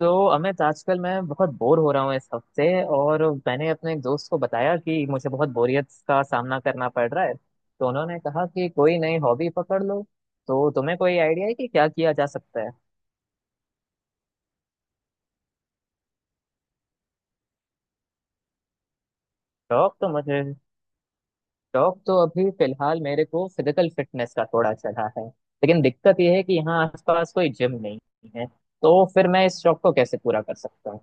तो अमित आजकल मैं बहुत बोर हो रहा हूँ इस हफ्ते। और मैंने अपने एक दोस्त को बताया कि मुझे बहुत बोरियत का सामना करना पड़ रहा है, तो उन्होंने कहा कि कोई नई हॉबी पकड़ लो। तो तुम्हें कोई आइडिया है कि क्या किया जा सकता है? शौक तो मुझे, शौक तो अभी फिलहाल मेरे को फिजिकल फिटनेस का थोड़ा चढ़ा है, लेकिन दिक्कत यह है कि यहाँ आसपास कोई जिम नहीं है। तो फिर मैं इस शौक को कैसे पूरा कर सकता हूँ?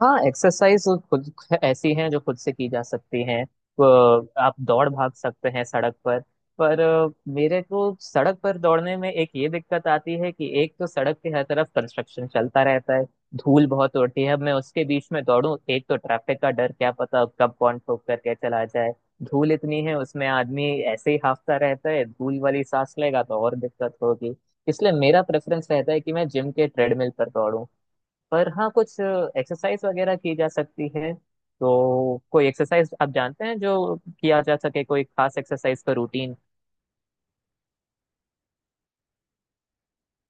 हाँ, एक्सरसाइज खुद ऐसी हैं जो खुद से की जा सकती हैं। वो आप दौड़ भाग सकते हैं सड़क पर। पर मेरे को सड़क पर दौड़ने में एक ये दिक्कत आती है कि एक तो सड़क के हर तरफ कंस्ट्रक्शन चलता रहता है, धूल बहुत उड़ती है। अब मैं उसके बीच में दौड़ूं, एक तो ट्रैफिक का डर, क्या पता अब कब कौन ठोक करके चला जाए। धूल इतनी है, उसमें आदमी ऐसे ही हांफता रहता है, धूल वाली सांस लेगा तो और दिक्कत होगी। इसलिए मेरा प्रेफरेंस रहता है कि मैं जिम के ट्रेडमिल पर दौड़ूं। पर हाँ, कुछ एक्सरसाइज वगैरह की जा सकती है। तो कोई एक्सरसाइज आप जानते हैं जो किया जा सके, कोई खास एक्सरसाइज का रूटीन?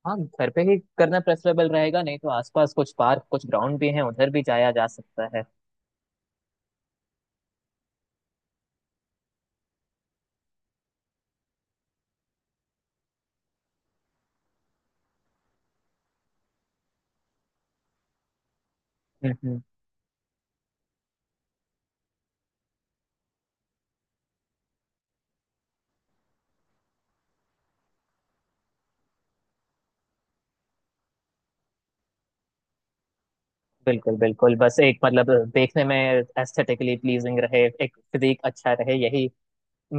हाँ, घर पे ही करना प्रेफरेबल रहेगा। नहीं तो आसपास कुछ पार्क, कुछ ग्राउंड भी हैं, उधर भी जाया जा सकता है। हम्म। बिल्कुल बिल्कुल, बस एक मतलब देखने में एस्थेटिकली प्लीजिंग रहे, एक फिजिक अच्छा रहे, यही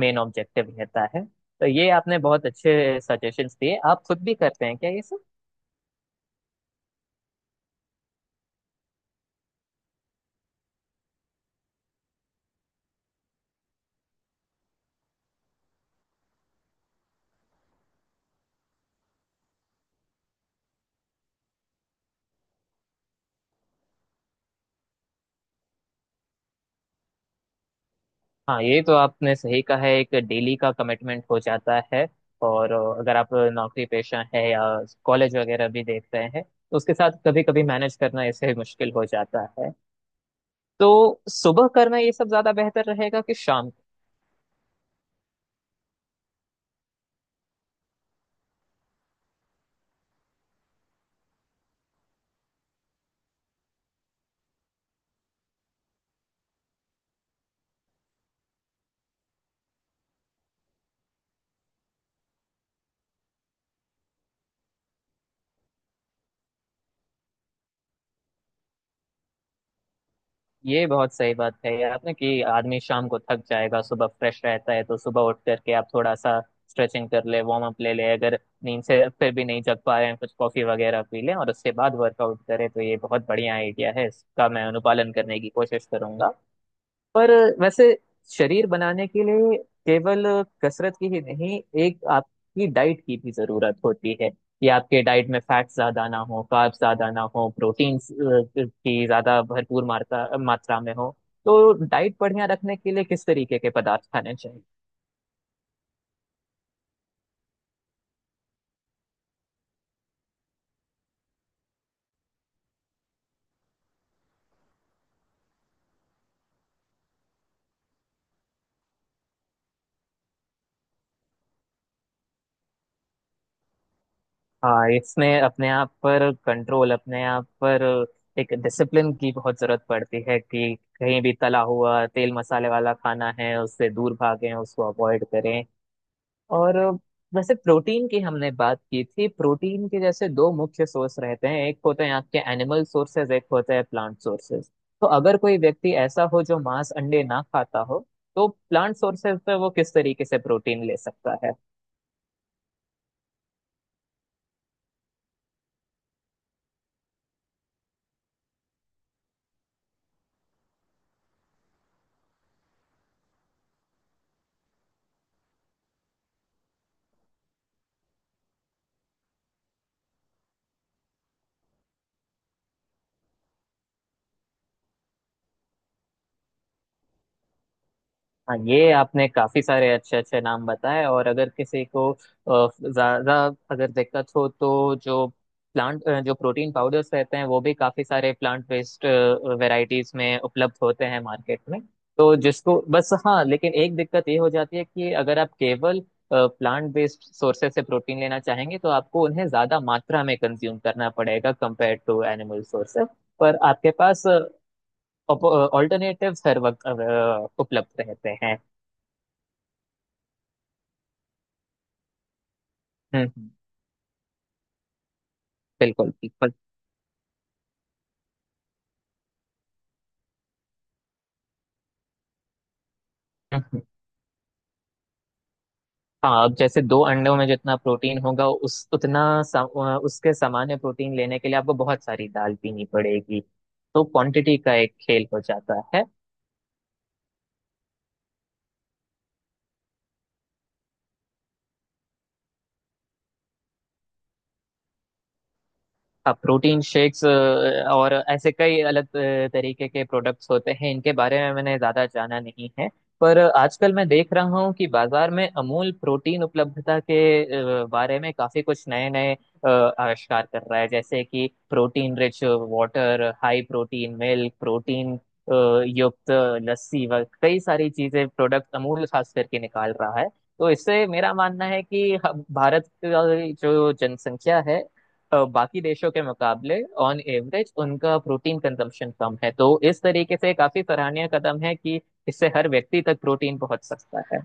मेन ऑब्जेक्टिव रहता है। तो ये आपने बहुत अच्छे सजेशंस दिए। आप खुद भी करते हैं क्या ये सब? हाँ, ये तो आपने सही कहा है, एक डेली का कमिटमेंट हो जाता है। और अगर आप नौकरी पेशा है या कॉलेज वगैरह भी देख रहे हैं तो उसके साथ कभी कभी मैनेज करना ऐसे मुश्किल हो जाता है। तो सुबह करना ये सब ज्यादा बेहतर रहेगा कि शाम? ये बहुत सही बात कही आपने कि आदमी शाम को थक जाएगा, सुबह फ्रेश रहता है। तो सुबह उठ करके आप थोड़ा सा स्ट्रेचिंग कर ले, वार्म अप ले ले, अगर नींद से फिर भी नहीं जग पा रहे हैं कुछ कॉफी वगैरह पी लें, और उसके बाद वर्कआउट करें तो ये बहुत बढ़िया आइडिया है। इसका मैं अनुपालन करने की कोशिश करूंगा। पर वैसे शरीर बनाने के लिए केवल कसरत की ही नहीं, एक आपकी डाइट की भी जरूरत होती है, कि आपके डाइट में फैट्स ज्यादा ना हो, कार्ब्स ज्यादा ना हो, प्रोटीन्स की ज्यादा भरपूर मात्रा मात्रा में हो। तो डाइट बढ़िया रखने के लिए किस तरीके के पदार्थ खाने चाहिए? हाँ, इसमें अपने आप पर कंट्रोल, अपने आप पर एक डिसिप्लिन की बहुत जरूरत पड़ती है, कि कहीं भी तला हुआ तेल मसाले वाला खाना है उससे दूर भागें, उसको अवॉइड करें। और वैसे प्रोटीन की हमने बात की थी, प्रोटीन के जैसे दो मुख्य सोर्स रहते हैं, एक होते हैं आपके एनिमल सोर्सेज, एक होते हैं प्लांट सोर्सेज। तो अगर कोई व्यक्ति ऐसा हो जो मांस अंडे ना खाता हो, तो प्लांट सोर्सेज पे वो किस तरीके से प्रोटीन ले सकता है? हाँ, ये आपने काफी सारे अच्छे अच्छे नाम बताए। और अगर किसी को ज्यादा अगर दिक्कत हो तो जो प्लांट, जो प्रोटीन पाउडर्स रहते हैं, वो भी काफी सारे प्लांट बेस्ड वैरायटीज में उपलब्ध होते हैं मार्केट में। तो जिसको बस, हाँ लेकिन एक दिक्कत ये हो जाती है कि अगर आप केवल प्लांट बेस्ड सोर्सेज से प्रोटीन लेना चाहेंगे तो आपको उन्हें ज्यादा मात्रा में कंज्यूम करना पड़ेगा कंपेयर टू एनिमल सोर्सेज। पर आपके पास ऑल्टरनेटिव्स हर वक्त उपलब्ध रहते हैं। हम्म। बिल्कुल बिल्कुल। हम्म। हाँ, अब जैसे दो अंडों में जितना प्रोटीन होगा उस उतना उसके सामान्य प्रोटीन लेने के लिए आपको बहुत सारी दाल पीनी पड़ेगी। तो क्वांटिटी का एक खेल हो जाता है। अब प्रोटीन शेक्स और ऐसे कई अलग तरीके के प्रोडक्ट्स होते हैं, इनके बारे में मैंने ज़्यादा जाना नहीं है। पर आजकल मैं देख रहा हूँ कि बाजार में अमूल प्रोटीन उपलब्धता के बारे में काफ़ी कुछ नए नए आविष्कार कर रहा है, जैसे कि protein rich water, high protein milk, protein युक्त लस्सी व कई सारी चीज़ें प्रोडक्ट अमूल खास करके निकाल रहा है। तो इससे मेरा मानना है कि भारत का जो जनसंख्या है, बाकी देशों के मुकाबले ऑन एवरेज उनका प्रोटीन कंजम्पशन कम है, तो इस तरीके से काफी सराहनीय कदम है कि इससे हर व्यक्ति तक प्रोटीन पहुंच सकता है।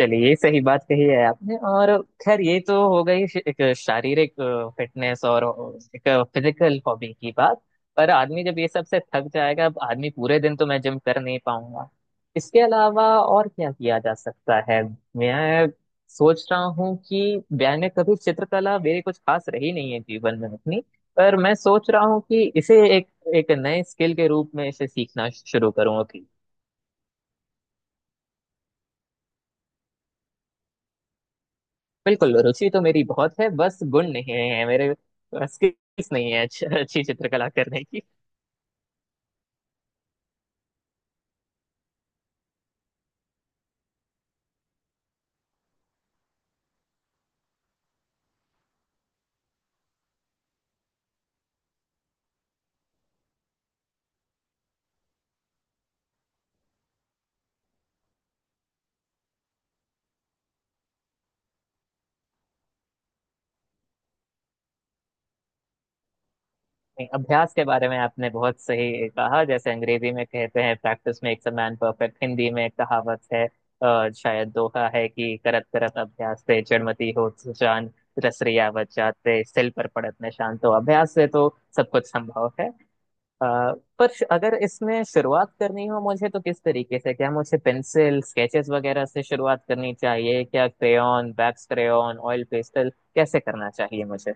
चलिए, सही बात कही है आपने। और खैर, ये तो हो गई एक शारीरिक फिटनेस और एक फिजिकल हॉबी की बात। पर आदमी जब ये सब से थक जाएगा, अब आदमी पूरे दिन तो मैं जिम कर नहीं पाऊंगा, इसके अलावा और क्या किया जा सकता है? मैं सोच रहा हूँ कि मैंने कभी चित्रकला मेरी कुछ खास रही नहीं है जीवन में अपनी। पर मैं सोच रहा हूँ कि इसे एक, एक नए स्किल के रूप में इसे सीखना शुरू करूँ अभी। बिल्कुल, रुचि तो मेरी बहुत है, बस गुण नहीं है मेरे, बस skills नहीं है अच्छी अच्छी चित्रकला करने की। नहीं, अभ्यास के बारे में आपने बहुत सही कहा। जैसे अंग्रेजी में कहते हैं practice makes a man perfect, Hindi में एक कहावत है, शायद दोहा है कि करत करत अभ्यास ते जड़मति होत जान, रस रियावत जात ते सिल पर पड़त निशान। तो अभ्यास से तो सब कुछ संभव है। अ, पर अगर इसमें शुरुआत करनी हो मुझे तो किस तरीके से, क्या मुझे पेंसिल स्केचेस वगैरह से शुरुआत करनी चाहिए, क्या crayon, wax crayon, oil pastel, कैसे करना चाहिए मुझे?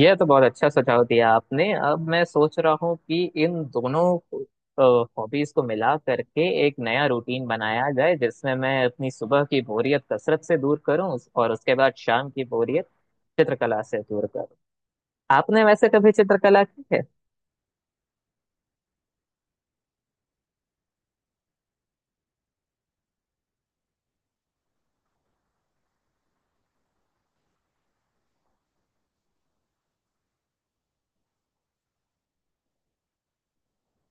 यह तो बहुत अच्छा सुझाव दिया आपने। अब मैं सोच रहा हूँ कि इन दोनों हॉबीज को मिला करके एक नया रूटीन बनाया जाए, जिसमें मैं अपनी सुबह की बोरियत कसरत से दूर करूं, और उसके बाद शाम की बोरियत चित्रकला से दूर करूं। आपने वैसे कभी चित्रकला की है?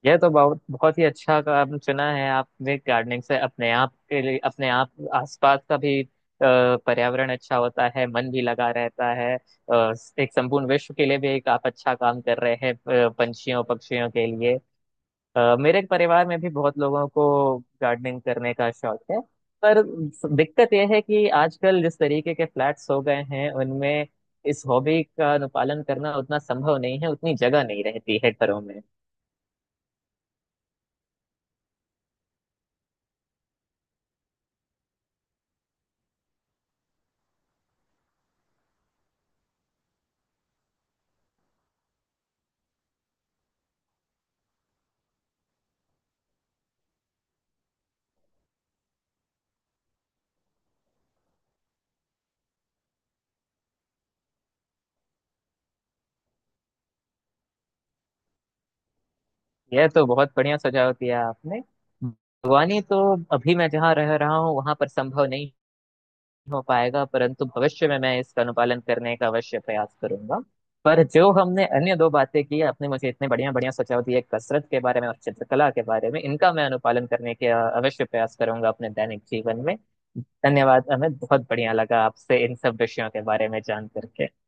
यह तो बहुत बहुत ही अच्छा काम चुना है आपने, गार्डनिंग से अपने आप के लिए, अपने आप आसपास का भी पर्यावरण अच्छा होता है, मन भी लगा रहता है, एक संपूर्ण विश्व के लिए भी एक आप अच्छा काम कर रहे हैं, पंछियों पक्षियों के लिए। मेरे परिवार में भी बहुत लोगों को गार्डनिंग करने का शौक है। पर दिक्कत यह है कि आजकल जिस तरीके के फ्लैट्स हो गए हैं उनमें इस हॉबी का अनुपालन करना उतना संभव नहीं है, उतनी जगह नहीं रहती है घरों में। यह तो बहुत बढ़िया सुझाव दिया आपने। बागवानी तो अभी मैं जहाँ रह रहा हूँ वहां पर संभव नहीं हो पाएगा, परंतु भविष्य में मैं इसका अनुपालन करने का अवश्य प्रयास करूंगा। पर जो हमने अन्य दो बातें की, आपने मुझे इतने बढ़िया बढ़िया सुझाव दिए कसरत के बारे में और चित्रकला के बारे में, इनका मैं अनुपालन करने के अवश्य प्रयास करूंगा अपने दैनिक जीवन में। धन्यवाद, हमें बहुत बढ़िया लगा आपसे इन सब विषयों के बारे में जान करके।